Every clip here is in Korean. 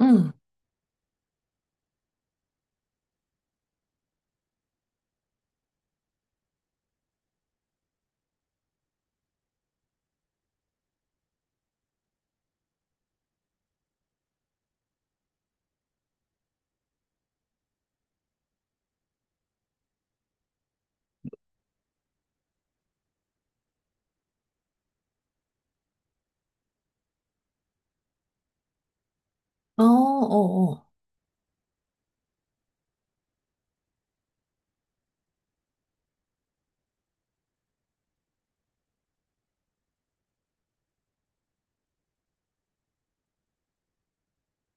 응, 어, 어, 어.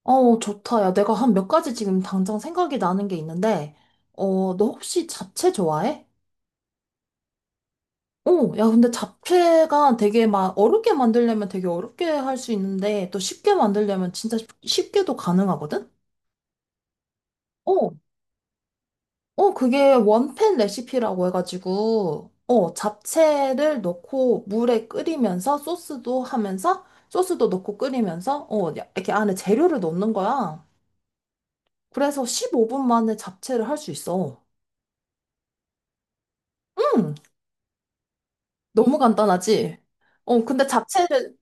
어, 좋다. 야, 내가 한 몇 가지 지금 당장 생각이 나는 게 있는데, 어, 너 혹시 잡채 좋아해? 어, 야, 근데 잡채가 되게 막 어렵게 만들려면 되게 어렵게 할 수 있는데, 또 쉽게 만들려면 진짜 쉽게도 가능하거든? 어, 어, 그게 원팬 레시피라고 해가지고, 어, 잡채를 넣고 물에 끓이면서 소스도 하면서, 소스도 넣고 끓이면서, 어, 이렇게 안에 재료를 넣는 거야. 그래서 15분 만에 잡채를 할 수 있어. 응, 너무 간단하지? 어, 근데 잡채를,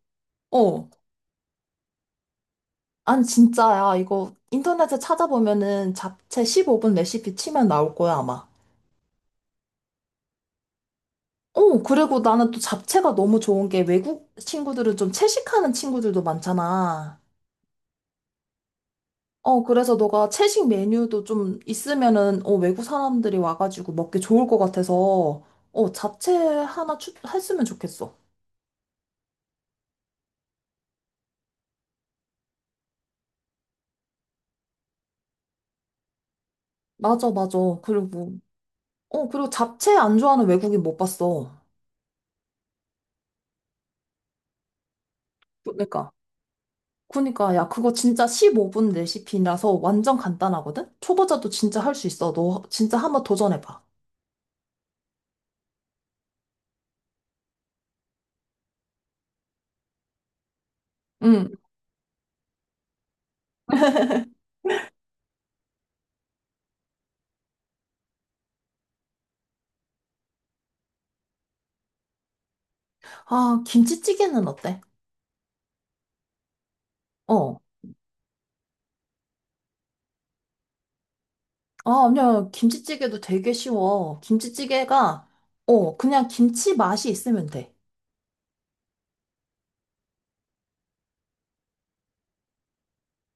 어, 아니, 진짜야. 이거 인터넷에 찾아보면은 잡채 15분 레시피 치면 나올 거야, 아마. 어, 그리고 나는 또 잡채가 너무 좋은 게 외국 친구들은 좀 채식하는 친구들도 많잖아. 어, 그래서 너가 채식 메뉴도 좀 있으면은, 어, 외국 사람들이 와가지고 먹기 좋을 것 같아서, 어, 잡채 하나 했으면 좋겠어. 맞아, 맞아. 그리고 어, 그리고 잡채 안 좋아하는 외국인 못 봤어. 그러니까. 그니까, 야, 그거 진짜 15분 레시피라서 완전 간단하거든? 초보자도 진짜 할 수 있어. 너 진짜 한번 도전해봐. 응. 아, 김치찌개는 어때? 어. 아, 아니야. 김치찌개도 되게 쉬워. 김치찌개가, 어, 그냥 김치 맛이 있으면 돼.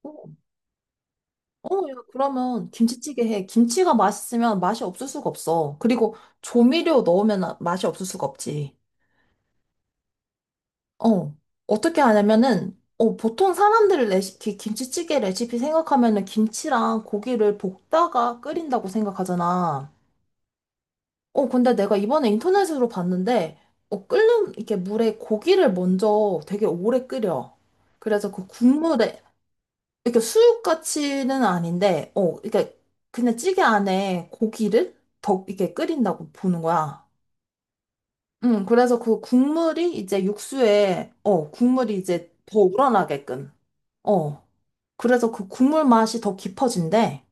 어, 어, 야, 그러면 김치찌개 해. 김치가 맛있으면 맛이 없을 수가 없어. 그리고 조미료 넣으면 맛이 없을 수가 없지. 어, 어떻게 하냐면은, 어, 보통 사람들 레시피, 김치찌개 레시피 생각하면은 김치랑 고기를 볶다가 끓인다고 생각하잖아. 어, 근데 내가 이번에 인터넷으로 봤는데, 어, 끓는, 이렇게 물에 고기를 먼저 되게 오래 끓여. 그래서 그 국물에, 이렇게 수육같이는 아닌데, 어, 그렇게 그냥 찌개 안에 고기를 더 이렇게 끓인다고 보는 거야. 응, 그래서 그 국물이 이제 육수에, 어, 국물이 이제 더 우러나게끔. 어. 그래서 그 국물 맛이 더 깊어진대.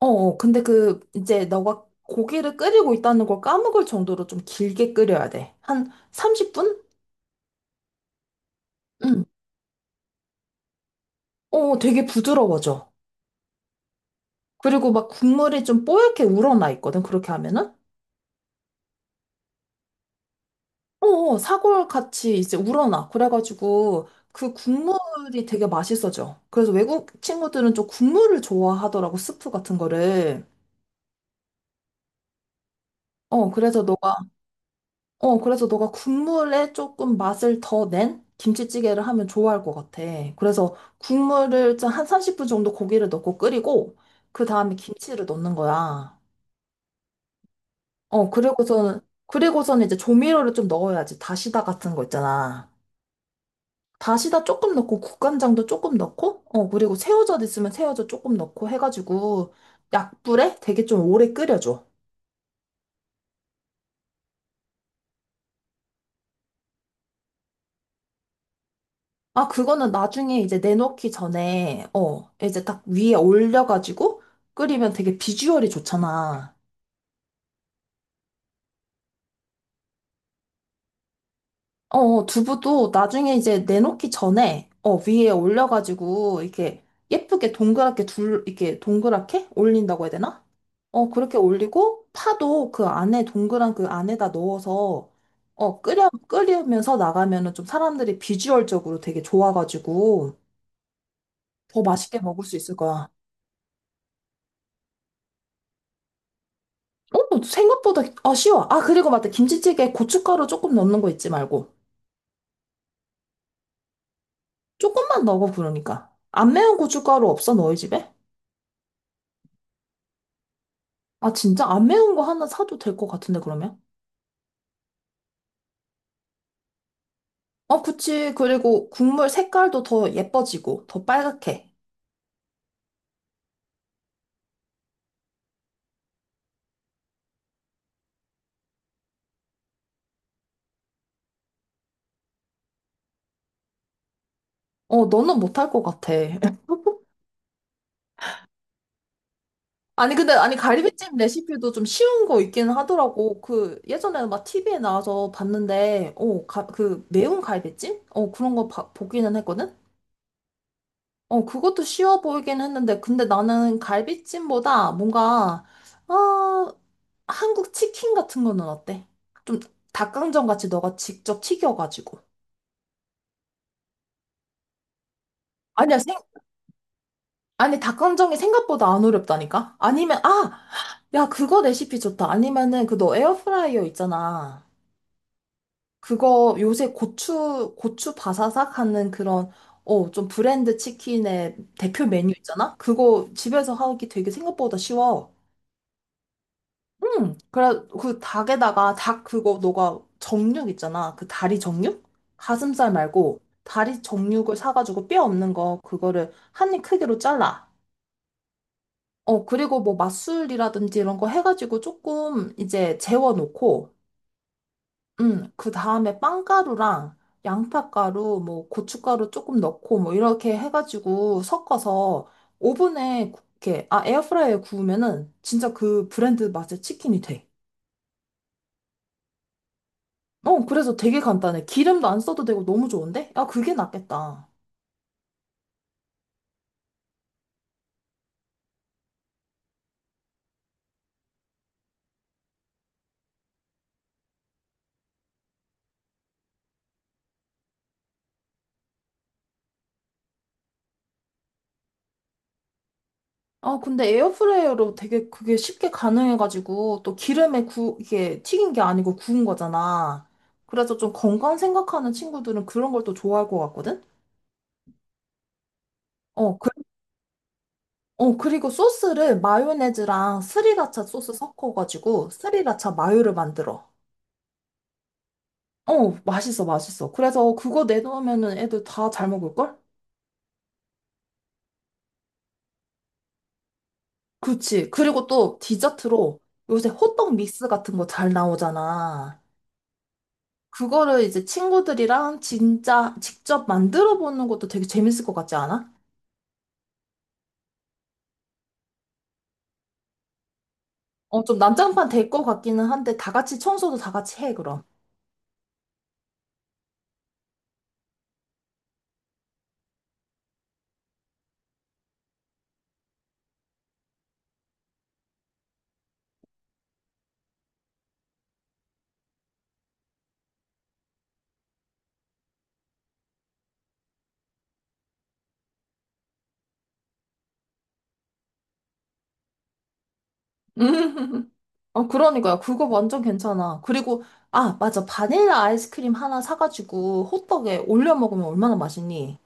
어, 어. 근데 그, 이제 너가 고기를 끓이고 있다는 걸 까먹을 정도로 좀 길게 끓여야 돼. 한 30분? 응. 어, 되게 부드러워져. 그리고 막 국물이 좀 뽀얗게 우러나 있거든, 그렇게 하면은. 어, 어, 사골 같이 이제 우러나. 그래가지고 그 국물이 되게 맛있어져. 그래서 외국 친구들은 좀 국물을 좋아하더라고, 스프 같은 거를. 어, 그래서 너 어, 그래서 너가 국물에 조금 맛을 더 낸 김치찌개를 하면 좋아할 것 같아. 그래서 국물을 좀한 30분 정도 고기를 넣고 끓이고, 그 다음에 김치를 넣는 거야. 어, 그리고서는 이제 조미료를 좀 넣어야지. 다시다 같은 거 있잖아. 다시다 조금 넣고, 국간장도 조금 넣고, 어, 그리고 새우젓 있으면 새우젓 조금 넣고 해가지고, 약불에 되게 좀 오래 끓여줘. 아, 그거는 나중에 이제 내놓기 전에, 어, 이제 딱 위에 올려가지고 끓이면 되게 비주얼이 좋잖아. 어, 어, 두부도 나중에 이제 내놓기 전에, 어, 위에 올려가지고 이렇게 예쁘게 동그랗게 둘, 이렇게 동그랗게 올린다고 해야 되나? 어, 그렇게 올리고 파도 그 안에 동그란 그 안에다 넣어서, 어, 끓여, 끓이면서 나가면은 좀 사람들이 비주얼적으로 되게 좋아가지고 더 맛있게 먹을 수 있을 거야. 어, 생각보다 아쉬워. 아, 그리고 맞다. 김치찌개에 고춧가루 조금 넣는 거 잊지 말고. 조금만 넣어, 그러니까. 안 매운 고춧가루 없어, 너희 집에? 아, 진짜? 안 매운 거 하나 사도 될 것 같은데, 그러면? 어, 그치. 그리고 국물 색깔도 더 예뻐지고, 더 빨갛게. 어, 너는 못할 것 같아. 아니, 근데, 아니, 갈비찜 레시피도 좀 쉬운 거 있긴 하더라고. 그, 예전에 막 TV에 나와서 봤는데, 어, 그, 매운 갈비찜? 어, 그런 거 보기는 했거든? 어, 그것도 쉬워 보이긴 했는데, 근데 나는 갈비찜보다 뭔가, 어, 한국 치킨 같은 거는 어때? 좀 닭강정 같이 너가 직접 튀겨가지고. 아니야, 아니, 닭강정이 생각보다 안 어렵다니까? 아니면, 아! 야, 그거 레시피 좋다. 아니면은, 그 너 에어프라이어 있잖아. 그거 요새 고추 바사삭 하는 그런, 어, 좀 브랜드 치킨의 대표 메뉴 있잖아? 그거 집에서 하기 되게 생각보다 쉬워. 응. 그래, 그 닭에다가 닭 그거 너가 정육 있잖아. 그 다리 정육? 가슴살 말고 다리 정육을 사가지고 뼈 없는 거 그거를 한입 크기로 잘라. 어, 그리고 뭐 맛술이라든지 이런 거 해가지고 조금 이제 재워놓고, 응. 그 다음에 빵가루랑 양파가루, 뭐 고춧가루 조금 넣고 뭐 이렇게 해가지고 섞어서 오븐에 이렇게, 아, 에어프라이어에 구우면은 진짜 그 브랜드 맛의 치킨이 돼. 어, 그래서 되게 간단해. 기름도 안 써도 되고 너무 좋은데? 아, 그게 낫겠다. 아, 근데 에어프라이어로 되게 그게 쉽게 가능해가지고 또 기름에 구, 이게 튀긴 게 아니고 구운 거잖아. 그래서 좀 건강 생각하는 친구들은 그런 걸 또 좋아할 것 같거든? 어, 그, 어, 그리고 소스를 마요네즈랑 스리라차 소스 섞어가지고 스리라차 마요를 만들어. 어, 맛있어, 맛있어. 그래서 그거 내놓으면은 애들 다 잘 먹을걸? 그치. 그리고 또 디저트로 요새 호떡 믹스 같은 거 잘 나오잖아. 그거를 이제 친구들이랑 진짜 직접 만들어 보는 것도 되게 재밌을 것 같지 않아? 어, 좀 난장판 될 것 같기는 한데 다 같이 청소도 다 같이 해, 그럼. 어, 그러니까요. 그거 완전 괜찮아. 그리고, 아, 맞아. 바닐라 아이스크림 하나 사가지고 호떡에 올려 먹으면 얼마나 맛있니?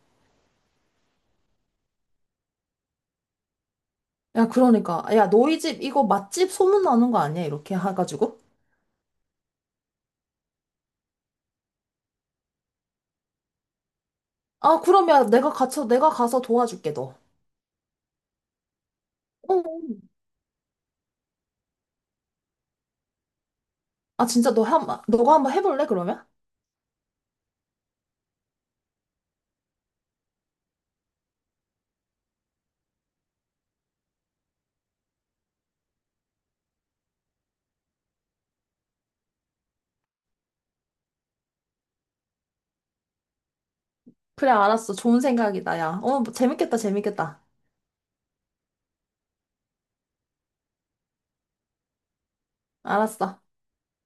야, 그러니까. 야, 너희 집 이거 맛집 소문나는 거 아니야? 이렇게 해가지고. 아, 그럼 야, 내가 가서, 내가 가서 도와줄게, 너. 어. 어. 아, 진짜 너 너가 한번 해볼래, 그러면? 그래, 알았어. 좋은 생각이다, 야. 어, 재밌겠다, 재밌겠다. 알았어.